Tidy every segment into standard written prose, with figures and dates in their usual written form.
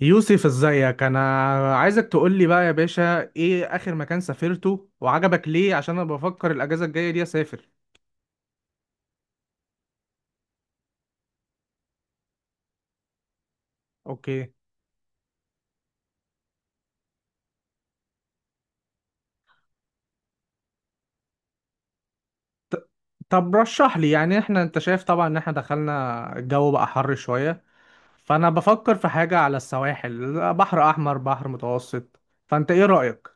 يوسف، ازيك؟ انا عايزك تقول لي بقى يا باشا ايه اخر مكان سافرته وعجبك ليه؟ عشان انا بفكر الاجازه الجايه دي اسافر. اوكي. ط- طب رشح لي، يعني احنا انت شايف طبعا ان احنا دخلنا الجو بقى حر شويه، فانا بفكر في حاجه على السواحل، بحر احمر بحر متوسط، فانت ايه رايك؟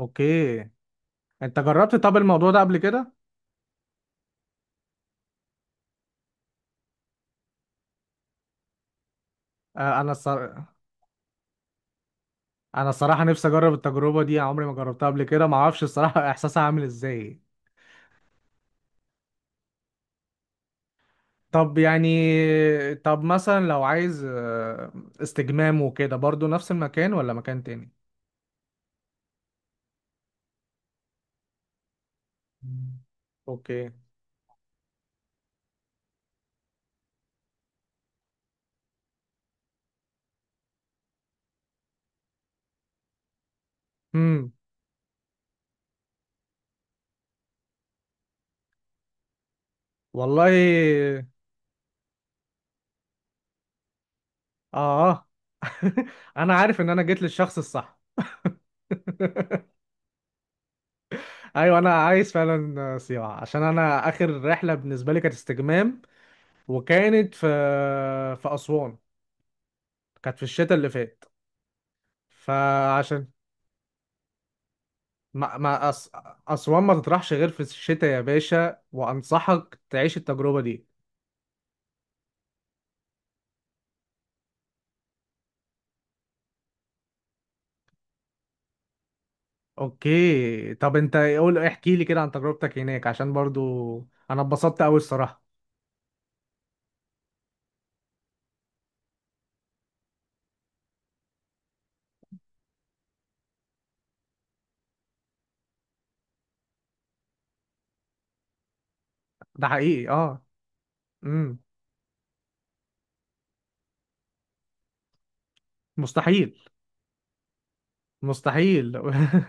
اوكي، انت جربت طب الموضوع ده قبل كده؟ آه، انا الصرا- انا الصراحه نفسي اجرب التجربه دي، عمري ما جربتها قبل كده، ما اعرفش الصراحه احساسها عامل ازاي. طب مثلا لو عايز استجمام وكده، برضو نفس المكان ولا مكان تاني؟ مم. اوكي. امم. والله. اه. انا عارف ان انا جيت للشخص الصح. ايوه، انا عايز فعلا سيوة، عشان انا اخر رحله بالنسبه لي كانت استجمام، وكانت في اسوان، كانت في الشتاء اللي فات. فعشان ما ما اسوان ما تطرحش غير في الشتاء يا باشا، وانصحك تعيش التجربه دي. اوكي، طب انت قول احكي لي كده عن تجربتك هناك، عشان برضو انا اتبسطت قوي الصراحه. ده حقيقي، اه. امم. مستحيل، مستحيل. امم.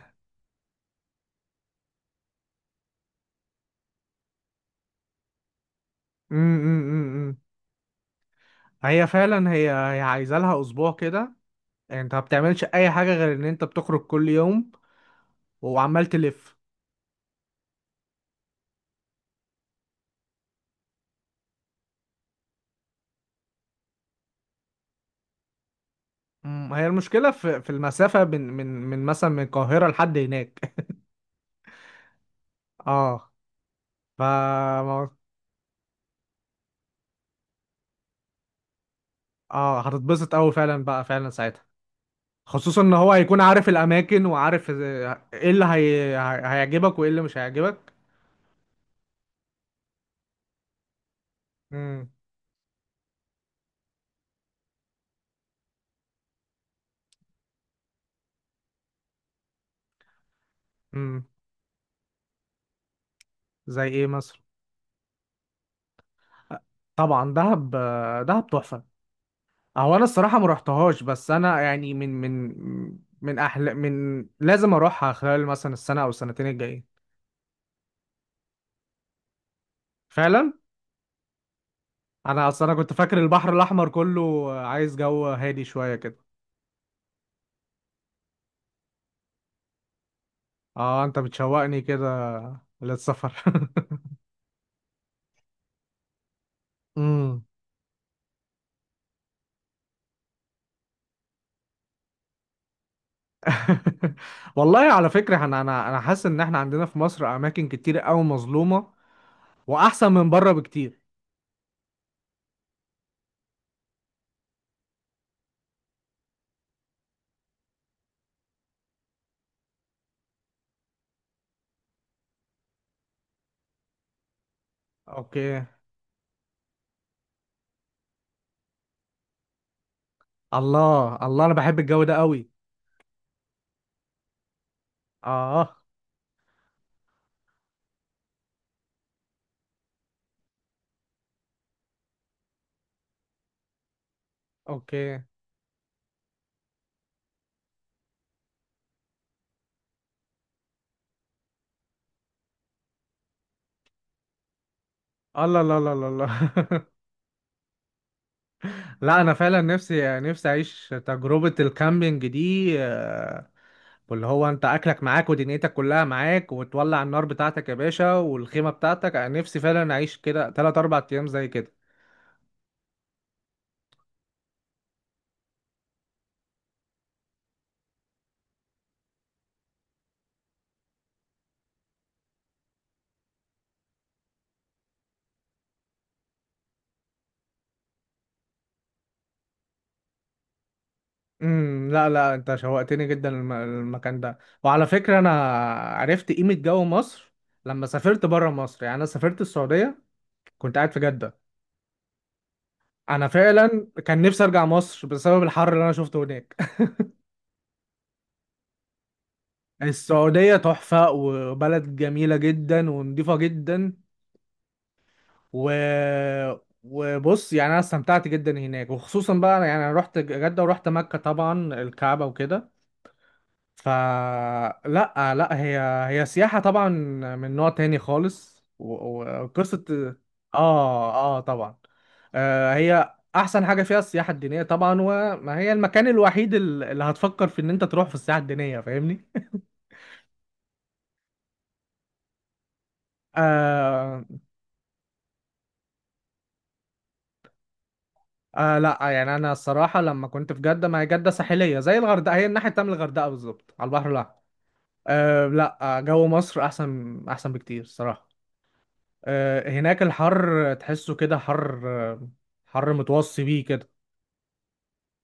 امم. أمم. هي فعلا، هي عايزه لها اسبوع كده، انت ما بتعملش اي حاجه غير ان انت بتخرج كل يوم وعمال تلف. أمم، هي المشكله في المسافه من من من مثلا من القاهره لحد هناك. اه. ف اه هتتبسط قوي فعلا بقى فعلا ساعتها، خصوصا ان هو هيكون عارف الاماكن وعارف ايه اللي هيعجبك وايه اللي مش هيعجبك. امم. امم. زي ايه؟ مصر طبعا. دهب تحفه. هو انا الصراحه ما رحتهاش، بس انا يعني من احلى، من لازم اروحها خلال مثلا السنه او السنتين الجايين. فعلا. انا اصلا انا كنت فاكر البحر الاحمر كله، عايز جو هادي شويه كده. اه، انت بتشوقني كده للسفر. والله، على فكرة، انا حاسس ان احنا عندنا في مصر اماكن كتير قوي مظلومة واحسن من بره بكتير. اوكي. الله الله، انا بحب الجو ده قوي. اه. اوكي. الله، لا لا لا لا. لا، انا فعلا نفسي نفسي اعيش تجربة الكامبينج دي، واللي هو انت اكلك معاك ودنيتك كلها معاك، وتولع النار بتاعتك يا باشا والخيمة بتاعتك، انا نفسي فعلا اعيش كده 3 4 ايام زي كده. لا لا، انت شوقتني جدا المكان ده. وعلى فكرة، انا عرفت قيمة جو مصر لما سافرت بره مصر، يعني انا سافرت السعودية، كنت قاعد في جدة، انا فعلا كان نفسي ارجع مصر بسبب الحر اللي انا شفته هناك. السعودية تحفة، وبلد جميلة جدا ونضيفة جدا و... وبص، يعني انا استمتعت جدا هناك، وخصوصا بقى يعني انا رحت جدة ورحت مكة طبعا، الكعبة وكده. فلا، لا لأ، هي سياحة طبعا من نوع تاني خالص، وقصة. اه اه، طبعا. هي احسن حاجة فيها السياحة الدينية طبعا، وما هي المكان الوحيد اللي هتفكر في ان انت تروح في السياحة الدينية، فاهمني؟ آه لا، يعني انا الصراحة لما كنت في جدة، ما هي جدة ساحلية زي الغردقة، هي الناحية التانية من الغردقة بالظبط على البحر الاحمر. لا، جو مصر احسن احسن بكتير الصراحة. هناك الحر تحسه كده، حر، حر متوصي بيه كده.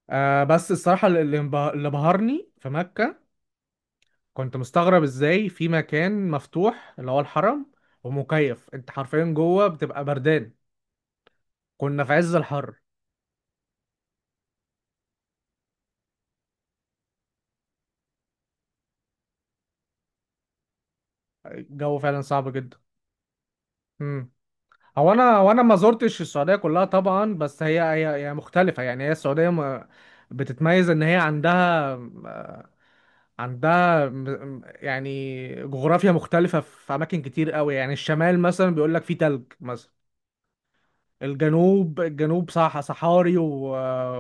بس الصراحة اللي بهرني في مكة، كنت مستغرب ازاي في مكان مفتوح اللي هو الحرم، ومكيف، انت حرفيا جوه بتبقى بردان، كنا في عز الحر. الجو فعلا صعب جدا. امم. هو انا وانا ما زرتش السعودية كلها طبعا، بس هي مختلفة، يعني هي السعودية بتتميز ان هي عندها يعني جغرافيا مختلفة في أماكن كتير قوي، يعني الشمال مثلا بيقول لك فيه تلج مثلا. الجنوب، الجنوب، صحاري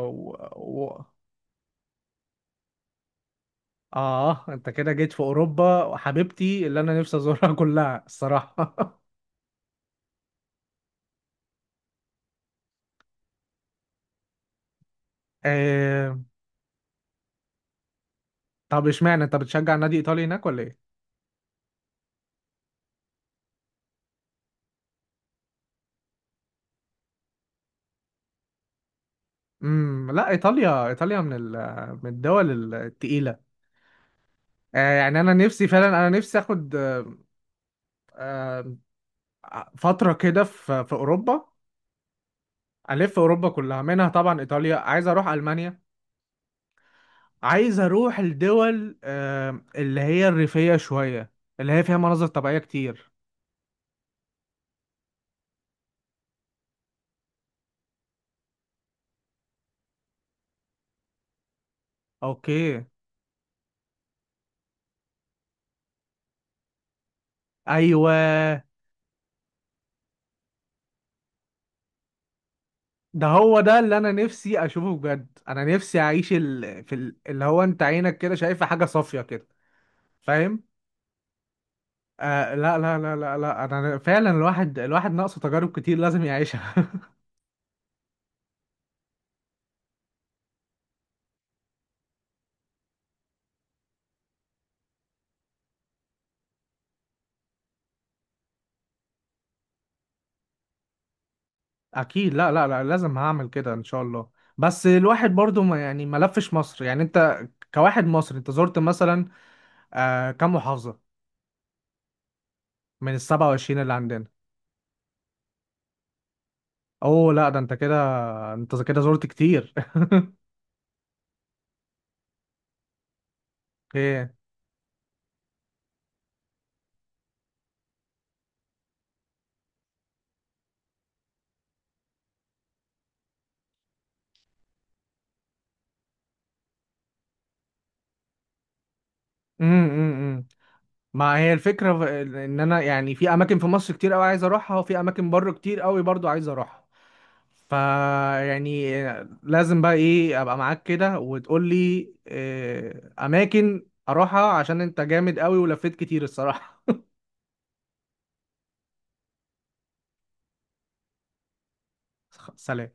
و... و... أنت كده جيت في أوروبا، وحبيبتي اللي أنا نفسي أزورها. كلها الصراحة. آه... طب إشمعنى أنت بتشجع نادي إيطالي هناك ولا إيه؟ لا، ايطاليا، ايطاليا من الدول التقيله. يعني انا نفسي فعلا، انا نفسي اخد آه، فتره كده في اوروبا، ألف أوروبا كلها منها، طبعا إيطاليا، عايز أروح ألمانيا، عايز أروح الدول اللي هي الريفية شوية، اللي هي فيها مناظر طبيعية كتير. أوكي. أيوة، ده هو ده اللي أنا نفسي أشوفه بجد، أنا نفسي أعيش اللي هو أنت عينك كده شايفة حاجة صافية كده، فاهم؟ لا لا لا لا لا، أنا فعلا الواحد ناقصه تجارب كتير لازم يعيشها. اكيد، لا لا لا، لازم هعمل كده ان شاء الله. بس الواحد برضو، ما يعني ما لفش مصر، يعني انت كواحد مصري انت زرت مثلا كم محافظة من ال 27 اللي عندنا؟ اوه لا، ده انت كده، انت كده زرت كتير. ايه. امم. امم. ما هي الفكرة ان انا يعني في اماكن في مصر كتير قوي عايز اروحها، وفي اماكن بره كتير قوي برضو عايز اروحها، فا يعني لازم بقى ايه ابقى معاك كده، وتقول لي اماكن اروحها عشان انت جامد قوي ولفيت كتير الصراحة. سلام.